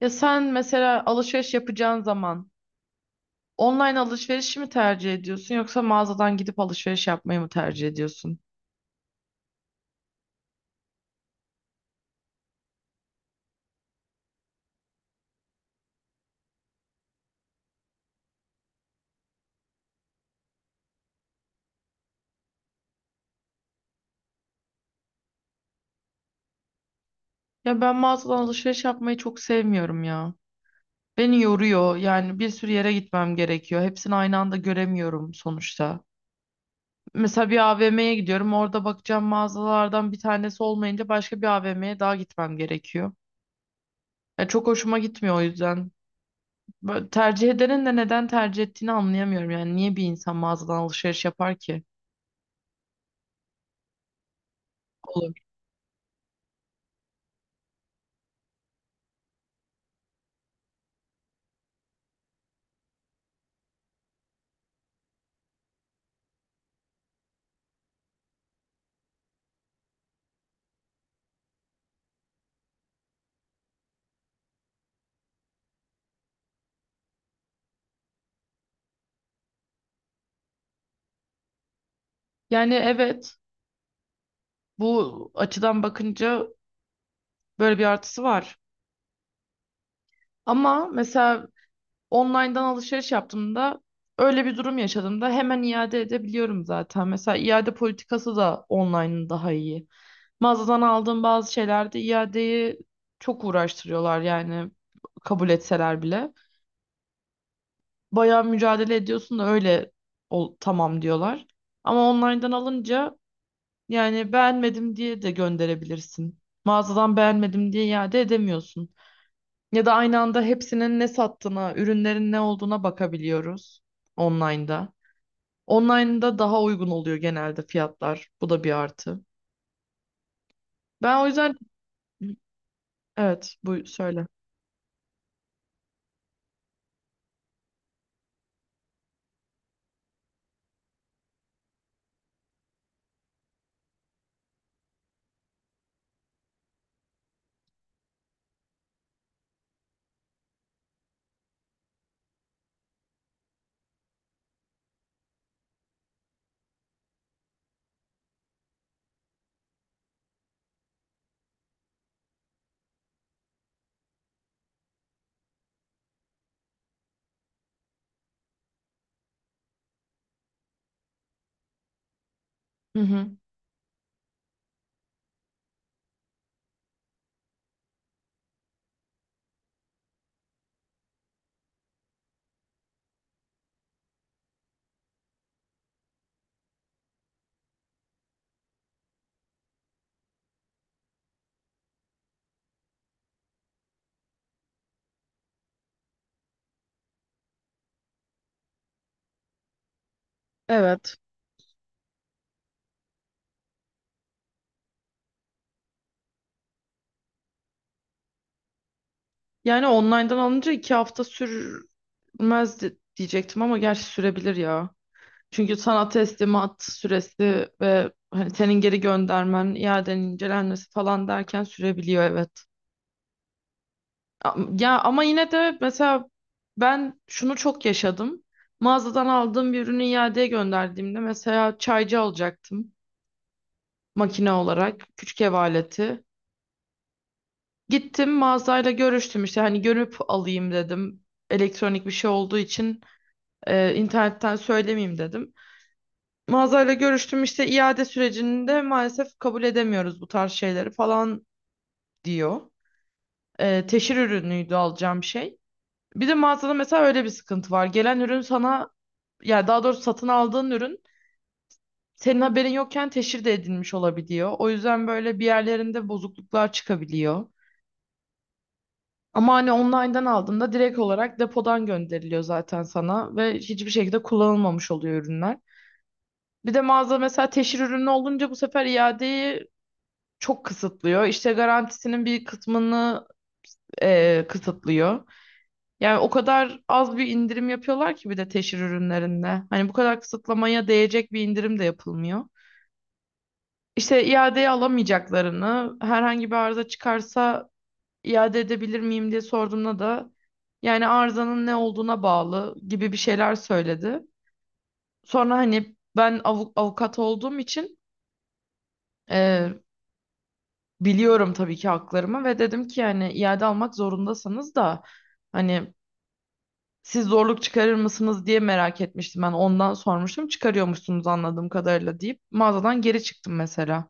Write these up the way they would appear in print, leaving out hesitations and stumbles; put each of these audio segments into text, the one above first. Ya sen mesela alışveriş yapacağın zaman online alışverişi mi tercih ediyorsun yoksa mağazadan gidip alışveriş yapmayı mı tercih ediyorsun? Ya ben mağazadan alışveriş yapmayı çok sevmiyorum ya. Beni yoruyor yani bir sürü yere gitmem gerekiyor. Hepsini aynı anda göremiyorum sonuçta. Mesela bir AVM'ye gidiyorum, orada bakacağım mağazalardan bir tanesi olmayınca başka bir AVM'ye daha gitmem gerekiyor. Ya çok hoşuma gitmiyor o yüzden. Böyle tercih edenin de neden tercih ettiğini anlayamıyorum, yani niye bir insan mağazadan alışveriş yapar ki? Yani evet, bu açıdan bakınca böyle bir artısı var. Ama mesela online'dan alışveriş yaptığımda öyle bir durum yaşadığımda hemen iade edebiliyorum zaten. Mesela iade politikası da online'ın daha iyi. Mağazadan aldığım bazı şeylerde iadeyi çok uğraştırıyorlar yani, kabul etseler bile. Bayağı mücadele ediyorsun da öyle ol, tamam diyorlar. Ama online'dan alınca yani beğenmedim diye de gönderebilirsin. Mağazadan beğenmedim diye iade edemiyorsun. Ya da aynı anda hepsinin ne sattığına, ürünlerin ne olduğuna bakabiliyoruz online'da. Online'da daha uygun oluyor genelde fiyatlar. Bu da bir artı. Ben o yüzden evet bu söyle. Hı hı. Evet. Yani online'dan alınca iki hafta sürmez diyecektim ama gerçi sürebilir ya. Çünkü sana teslimat süresi ve hani senin geri göndermen, iadeni incelenmesi falan derken sürebiliyor, evet. Ya ama yine de mesela ben şunu çok yaşadım. Mağazadan aldığım bir ürünü iadeye gönderdiğimde mesela çaycı alacaktım, makine olarak, küçük ev aleti. Gittim mağazayla görüştüm, işte hani görüp alayım dedim. Elektronik bir şey olduğu için internetten söylemeyeyim dedim. Mağazayla görüştüm, işte iade sürecinde maalesef kabul edemiyoruz bu tarz şeyleri falan diyor. Teşhir ürünüydü alacağım şey. Bir de mağazada mesela öyle bir sıkıntı var. Gelen ürün sana, yani daha doğrusu satın aldığın ürün, senin haberin yokken teşhir de edilmiş olabiliyor. O yüzden böyle bir yerlerinde bozukluklar çıkabiliyor. Ama hani online'dan aldığında direkt olarak depodan gönderiliyor zaten sana ve hiçbir şekilde kullanılmamış oluyor ürünler. Bir de mağaza mesela teşhir ürünü olunca bu sefer iadeyi çok kısıtlıyor. İşte garantisinin bir kısmını kısıtlıyor. Yani o kadar az bir indirim yapıyorlar ki bir de teşhir ürünlerinde. Hani bu kadar kısıtlamaya değecek bir indirim de yapılmıyor. İşte iadeye alamayacaklarını, herhangi bir arıza çıkarsa iade edebilir miyim diye sorduğumda da yani arızanın ne olduğuna bağlı gibi bir şeyler söyledi. Sonra hani ben avukat olduğum için e, biliyorum tabii ki haklarımı ve dedim ki yani iade almak zorundasanız da hani siz zorluk çıkarır mısınız diye merak etmiştim ben, ondan sormuştum, çıkarıyormuşsunuz anladığım kadarıyla deyip mağazadan geri çıktım mesela.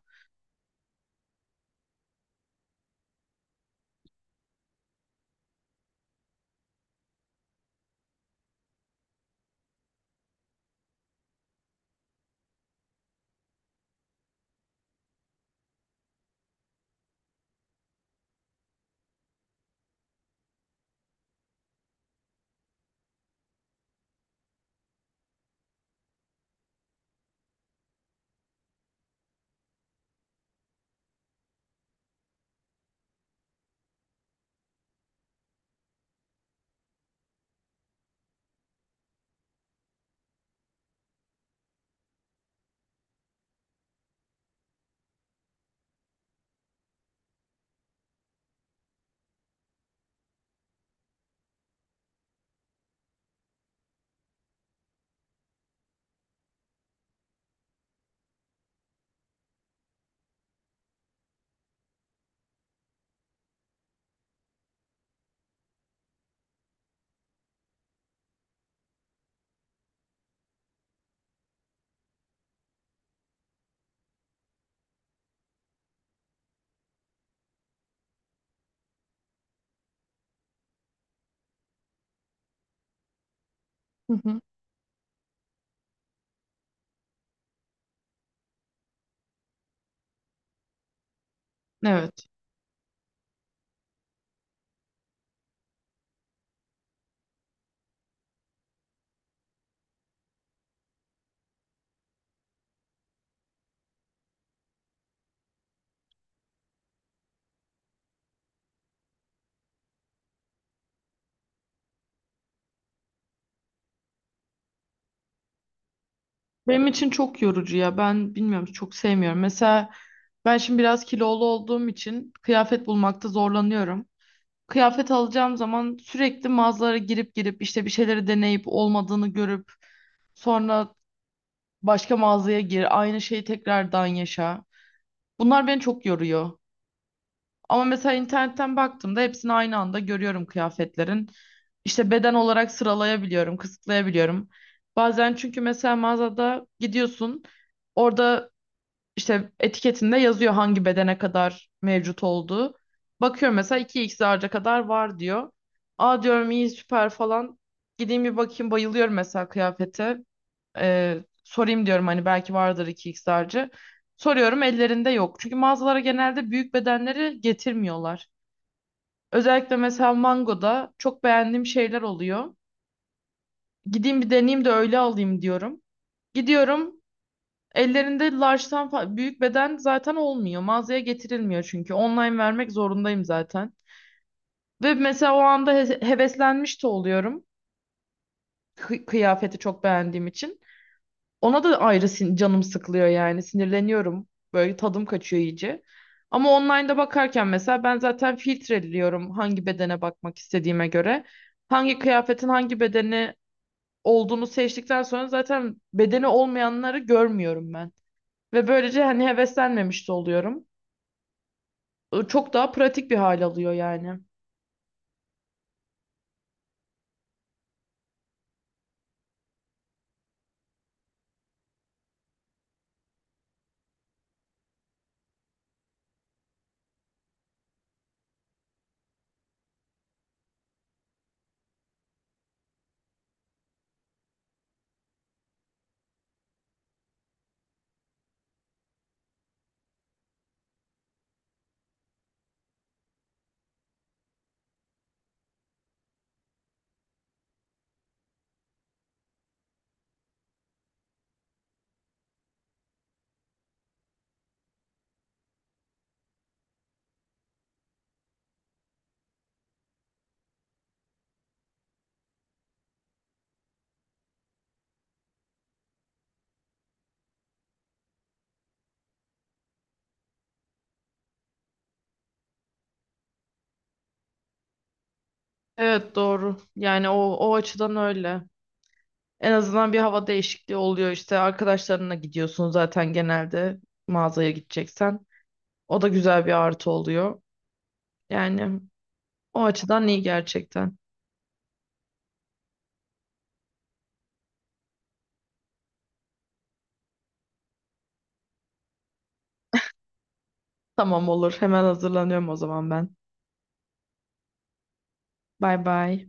Hı hı. Evet. Benim için çok yorucu ya. Ben bilmiyorum, çok sevmiyorum. Mesela ben şimdi biraz kilolu olduğum için kıyafet bulmakta zorlanıyorum. Kıyafet alacağım zaman sürekli mağazalara girip girip işte bir şeyleri deneyip olmadığını görüp sonra başka mağazaya gir, aynı şeyi tekrardan yaşa. Bunlar beni çok yoruyor. Ama mesela internetten baktığımda hepsini aynı anda görüyorum kıyafetlerin. İşte beden olarak sıralayabiliyorum, kısıtlayabiliyorum. Bazen çünkü mesela mağazada gidiyorsun, orada işte etiketinde yazıyor hangi bedene kadar mevcut olduğu. Bakıyorum mesela iki x large'a kadar var diyor. Aa diyorum iyi süper falan. Gideyim bir bakayım, bayılıyorum mesela kıyafete. Sorayım diyorum hani belki vardır iki xlerci. Soruyorum, ellerinde yok. Çünkü mağazalara genelde büyük bedenleri getirmiyorlar. Özellikle mesela Mango'da çok beğendiğim şeyler oluyor. Gideyim bir deneyeyim de öyle alayım diyorum. Gidiyorum, ellerinde large'tan büyük beden zaten olmuyor. Mağazaya getirilmiyor çünkü. Online vermek zorundayım zaten. Ve mesela o anda heveslenmiş de oluyorum, kıyafeti çok beğendiğim için. Ona da ayrı canım sıkılıyor yani. Sinirleniyorum. Böyle tadım kaçıyor iyice. Ama online'da bakarken mesela ben zaten filtreliyorum hangi bedene bakmak istediğime göre. Hangi kıyafetin hangi bedeni olduğunu seçtikten sonra zaten bedeni olmayanları görmüyorum ben. Ve böylece hani heveslenmemiş de oluyorum. Çok daha pratik bir hal alıyor yani. Evet, doğru. Yani o, o açıdan öyle. En azından bir hava değişikliği oluyor işte. Arkadaşlarınla gidiyorsun zaten genelde mağazaya gideceksen. O da güzel bir artı oluyor. Yani o açıdan iyi gerçekten. Tamam, olur. Hemen hazırlanıyorum o zaman ben. Bay bay.